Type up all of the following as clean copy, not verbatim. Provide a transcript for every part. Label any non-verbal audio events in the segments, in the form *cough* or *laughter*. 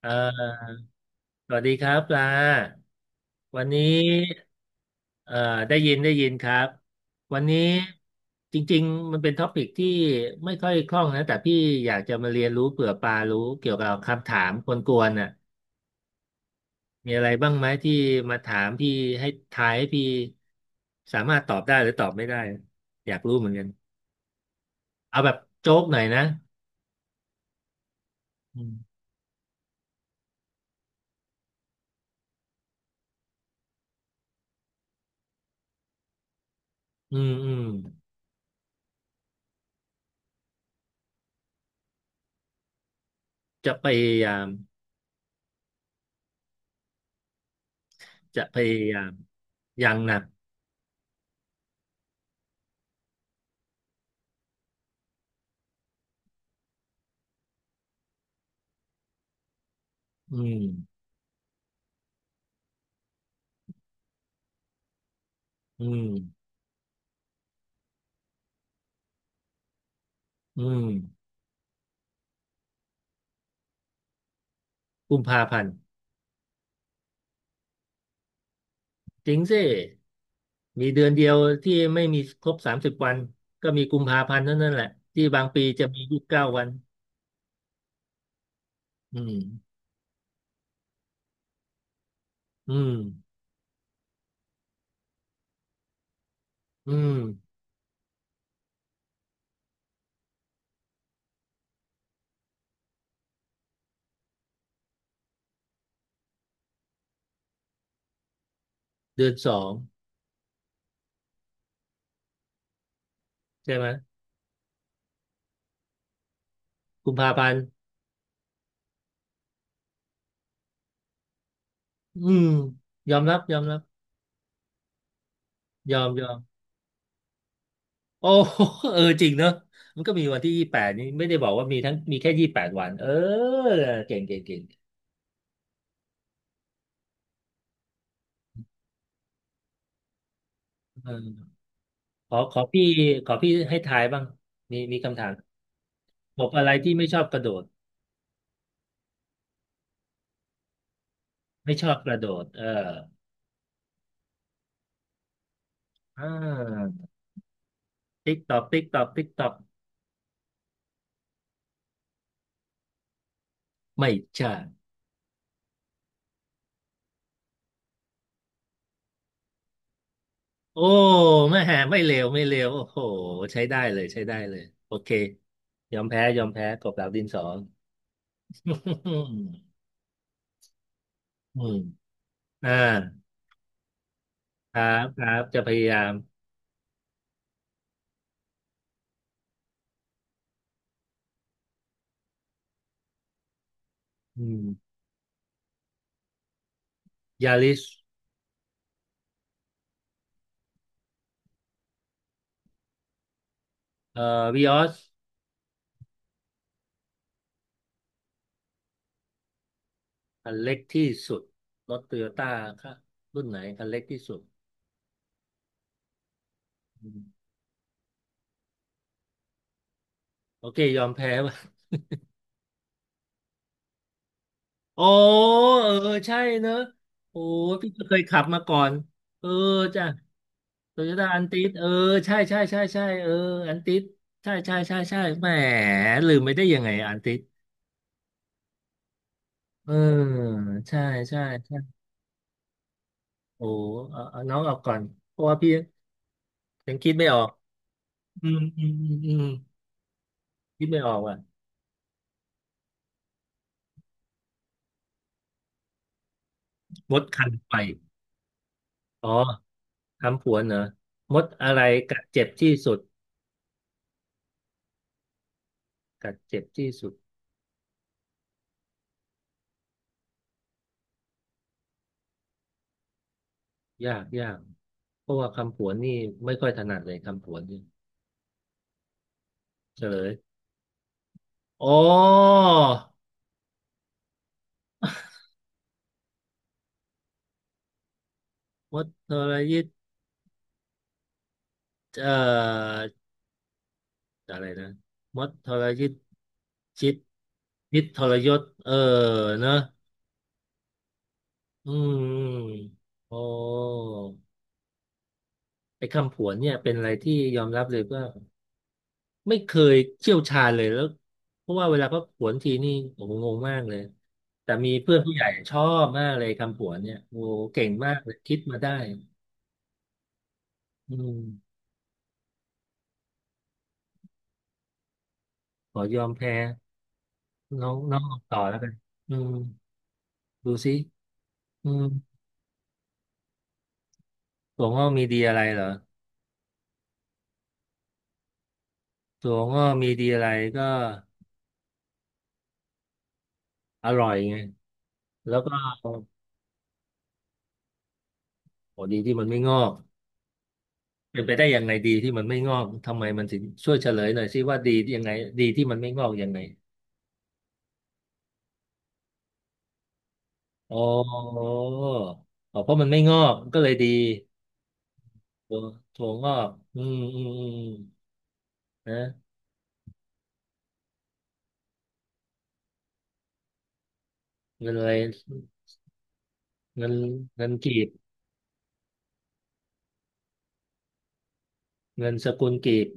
เอ่อสวัสดีครับปลา วันนี้เอ่อได้ยินครับ วันนี้จริงๆมันเป็นท็อปิกที่ไม่ค่อยคล่องนะแต่พี่อยากจะมาเรียนรู้เผื่อปลารู้เกี่ยวกับคำถามกวนๆน่ะมีอะไรบ้างไหมที่มาถามพี่ให้ทายให้พี่สามารถตอบได้หรือตอบไม่ได้ อยากรู้เหมือนกัน เอาแบบโจ๊กหน่อยนะอืมอืมอืมจะพยายามจะพยายามอย่างหนักอืมอืม อืมกุมภาพันธ์จริงสิมีเดือนเดียวที่ไม่มีครบสามสิบวันก็มีกุมภาพันธ์เท่านั้นแหละที่บางปีจะมียี่สิบเก้าวันอืมอืมอืมเดือนสองใช่ไหมกุมภาพันธ์อืมยอมรับยอมรับยอมยอมโอ้ *laughs* เออจริงเนอะมันก็มีวันที่ยี่แปดนี่ไม่ได้บอกว่ามีทั้งมีแค่ยี่แปดวันเออเก่งเก่งเก่งเออขอขอพี่ขอพี่ให้ทายบ้างมีมีคำถามกบอะไรที่ไม่ชอบกระโดด ไม่ชอบกระโดดเอออ่าติ๊กตอกติ๊กตอกติ๊กตอกไม่ใช่โอ้ไม่แหไม่เลวไม่เลวโอ้โหใช้ได้เลยใช้ได้เลยโอเคยอมแพ้ยอมแพ้กบดาวดินสอ *laughs* อืมอมอ่าครับครับจะพยายามอืมยาริสเอ่อวีออสคันเล็กที่สุดรถโตโยต้าครับรุ่นไหนคันเล็กที่สุดอืมโอเคยอมแพ้ *laughs* ว่ะ อ๋อเออใช่เนอะโอ้พี่ก็เคยขับมาก่อนเออจ้ะโตโยต้าอันติสเออใช่ใช่ใช่ใช่เอออันติสใช่ใช่ใช่ใช่แหมลืมไม่ได้ยังไงอันติสเออใช่ใช่ใช่โอ้เอาเอาน้องออกก่อนเพราะว่าพี่ยังคิดไม่ออกอืมอืมอืมอืมคิดไม่ออกว่ะมดคันไฟอ๋อคำผวนเหรอมดอะไรกัดเจ็บที่สุดกัดเจ็บที่สุดยากยาก เพราะว่าคำผวนนี่ไม่ค่อยถนัดเลยคำผวนนี่เฉลยอ๋อมดทรยิตเอ่ออะไรนะมดทรยิตชิตยิตทรยศเออเนอะอืมโอ้ไอ้คำผวนเนี่ยเป็นอะไรที่ยอมรับเลยว่าไม่เคยเชี่ยวชาญเลยแล้วเพราะว่าเวลาเขาผวนทีนี่โอ้โหงงมากเลยแต่มีเพื่อนผู้ใหญ่ชอบมากเลยคำผวนเนี่ยโอ้โหเก่งมากเลยคิดมาได้อืม ขอยอมแพ้น้องน้องออกต่อแล้วกันอืมดูสิอืมถั่วงอกมีดีอะไรเหรอถั่วงอกมีดีอะไรก็อร่อยไงแล้วก็โหดีที่มันไม่งอกเป็นไปได้ยังไงดีที่มันไม่งอกทำไมมันถึงช่วยเฉลยหน่อยสิว่าดียังไงดีที่มันไม่งอกยังไงอ๋ออ๋อเพราะมันไม่งอกก็เลยดีถั่วถั่วงอกอืมอืมอืมนะเงินอะไรเงินเงินกีบเงินสกุลกีบ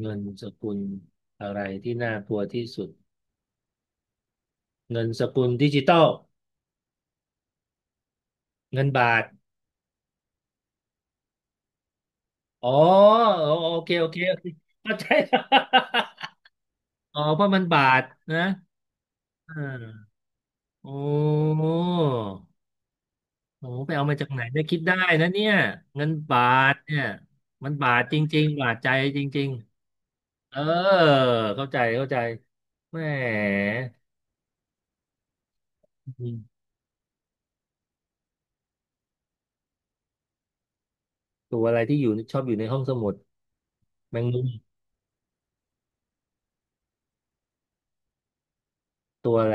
เงินสกุลอะไรที่น่ากลัวที่สุดเงินสกุลดิจิตอลเงินบาทอ๋อโอโอเคโอเคโอเคเข้าใจ *laughs* อ๋อเพราะมันบาทนะอ่าโอ้โหไปเอามาจากไหนได้คิดได้นะเนี่ยเงินบาทเนี่ยมันบาทจริงๆบาทใจจริงๆเออเข้าใจเข้าใจแหมตัวอะไรที่อยู่ชอบอยู่ในห้องสมุดแมงมุมตัวอะไร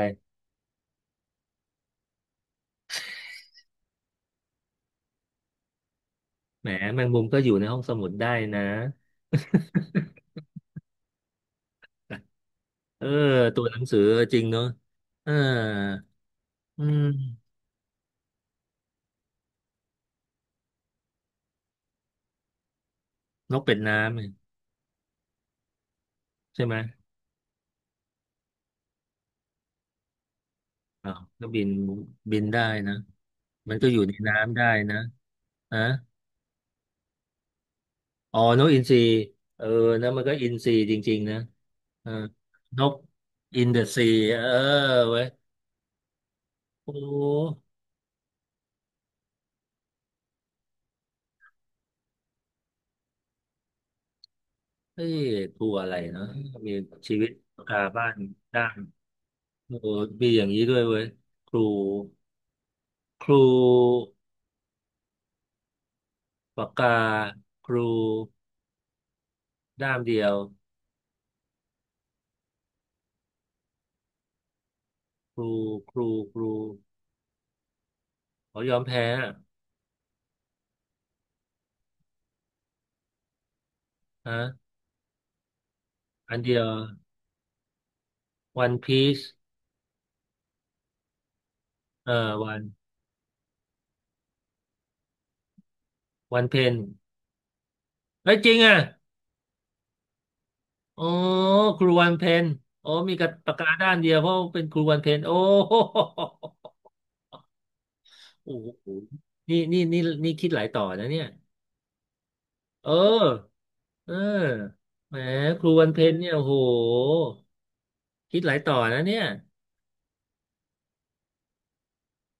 แหมแมงมุมก็อยู่ในห้องสมุดได้นะเออตัวหนังสือจริงเนอะเอออืมนกเป็ดน้ำเนี่ยใช่ไหมอ้าวก็บินบินได้นะมันก็อยู่ในน้ำได้นะฮะอ๋อนกอินทรีเออนะมันก็อินทรีจริงๆนะเออนกอินเดอะซีเออเว้ยโอ้เฮ้ยตัวอะไรเนาะมีชีวิตคาบ้านด้างโอ้มีอย่างนี้ด้วยเว้ยครูครู ปากกาครูด้ามเดียวครูครูครูขอยอมแพ้อะฮะอันเดียววันพีซเอ่อวันวันเพนเอ้ยจริงอ่ะโอ้ครูวันเพนโอ้มีกับปากกาด้ามเดียวเพราะเป็นครูวันเพนโอ้โหโอ้โหนี่นี่นี่นี่คิดหลายต่อนะเนี่ยเออเออแหมครูวันเพนเนี่ยโอ้โหคิดหลายต่อนะเนี่ย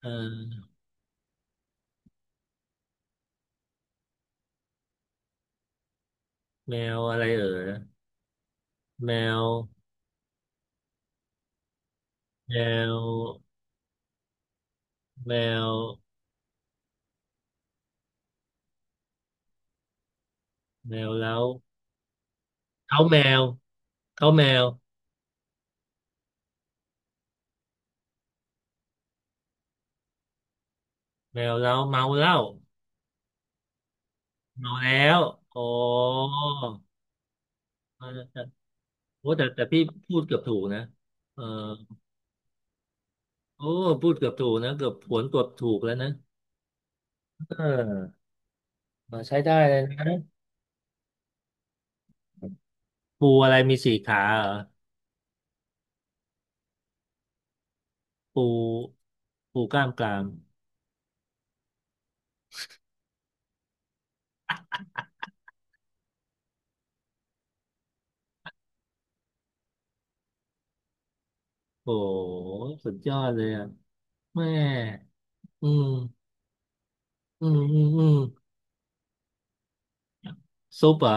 เออแมวอะไรเออแมว แมวแมวแมวแล้วเขาแมวเขาแมวแมวแล้วเมาเหล้าเมาแล้วอ๋อเออแต่โอ้แต่แต่พี่พูดเกือบถูกนะเออโอ้พูดเกือบถูกนะเกือบผวนเกือบถูกแล้วนะเออมาใช้ได้เลยนะปูอะไรมีสี่ขาเหรอปูปูกล้ามกรามโอ้สุดยอดเลยอ่ะแม่อืมอืมอืมอืมซุปเหรอ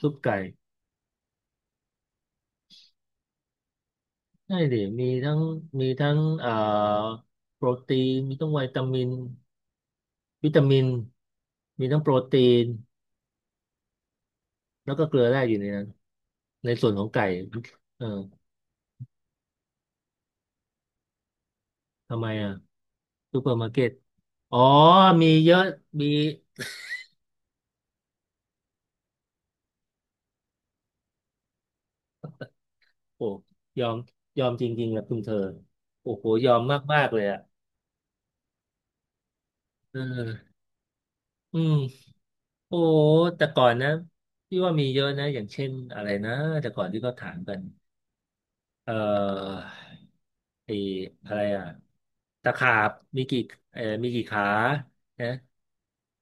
ซุปไก่ ใช่ดิมีทั้งมีทั้งโปรตีนมีทั้งวิตามินวิตามินมีทั้งโปรตีนแล้วก็เกลือแร่อยู่ในนั้นในส่วนของไก่เออทำไมอ่ะซูเปอร์มาร์เก็ตอ๋อมีเยอะมีโอ้ยอมยอมจริงๆนะคุณเธอโอ้โหยอมมากๆเลยอ่ะเอออืมโอ้แต่ก่อนนะพี่ว่ามีเยอะนะอย่างเช่นอะไรนะแต่ก่อนที่เขาถามกันเอ่อ ไอ้อะไรอ่ะตะขาบมีกี่มีกี่ขานะ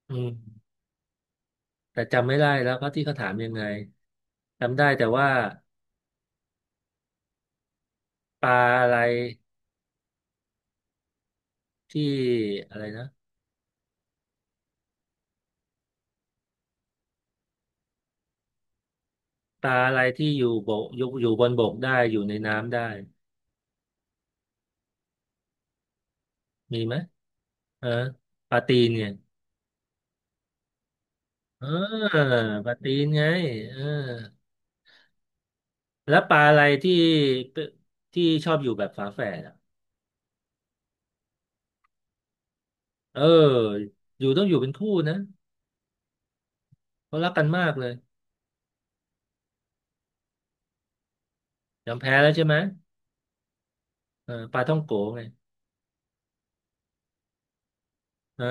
อืมแต่จำไม่ได้ แล้วก็ที่เขาถามยังไงจำได้แต่ว่าปลาอะไรที่อะไรนะปลาอะไรที่อยู่บกอยู่อยู่บนบกได้อยู่ในน้ำได้มีไหมเออปลาตีนเนี่ยเออปลาตีนไงเออแล้วปลาอะไรที่เป็นที่ชอบอยู่แบบฝาแฝดอ่ะเอออยู่ต้องอยู่เป็นคู่นะเขารักกันมากเลย ยอมแพ้แล้วใช่ไหมเออปลาท่องโกไงเออ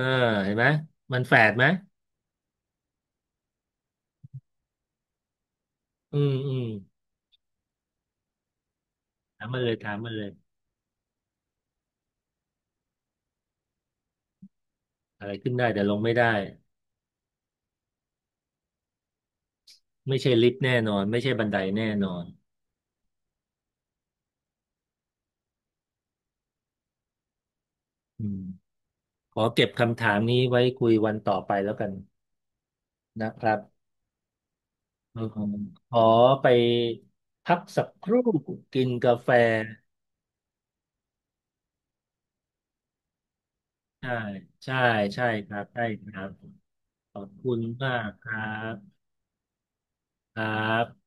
เห็นไหมมันแฝดไหมอืมถามมาเลยถามมาเลยอะไรขึ้นได้แต่ลงไม่ได้ไม่ใช่ลิฟต์แน่นอนไม่ใช่บันไดแน่นอนอืมขอเก็บคำถามนี้ไว้คุยวันต่อไปแล้วกันนะครับเออขอไปพักสักครู่กินกาแฟใช่ใช่ใช่ครับใช่ครับขอบคุณมากครับครับ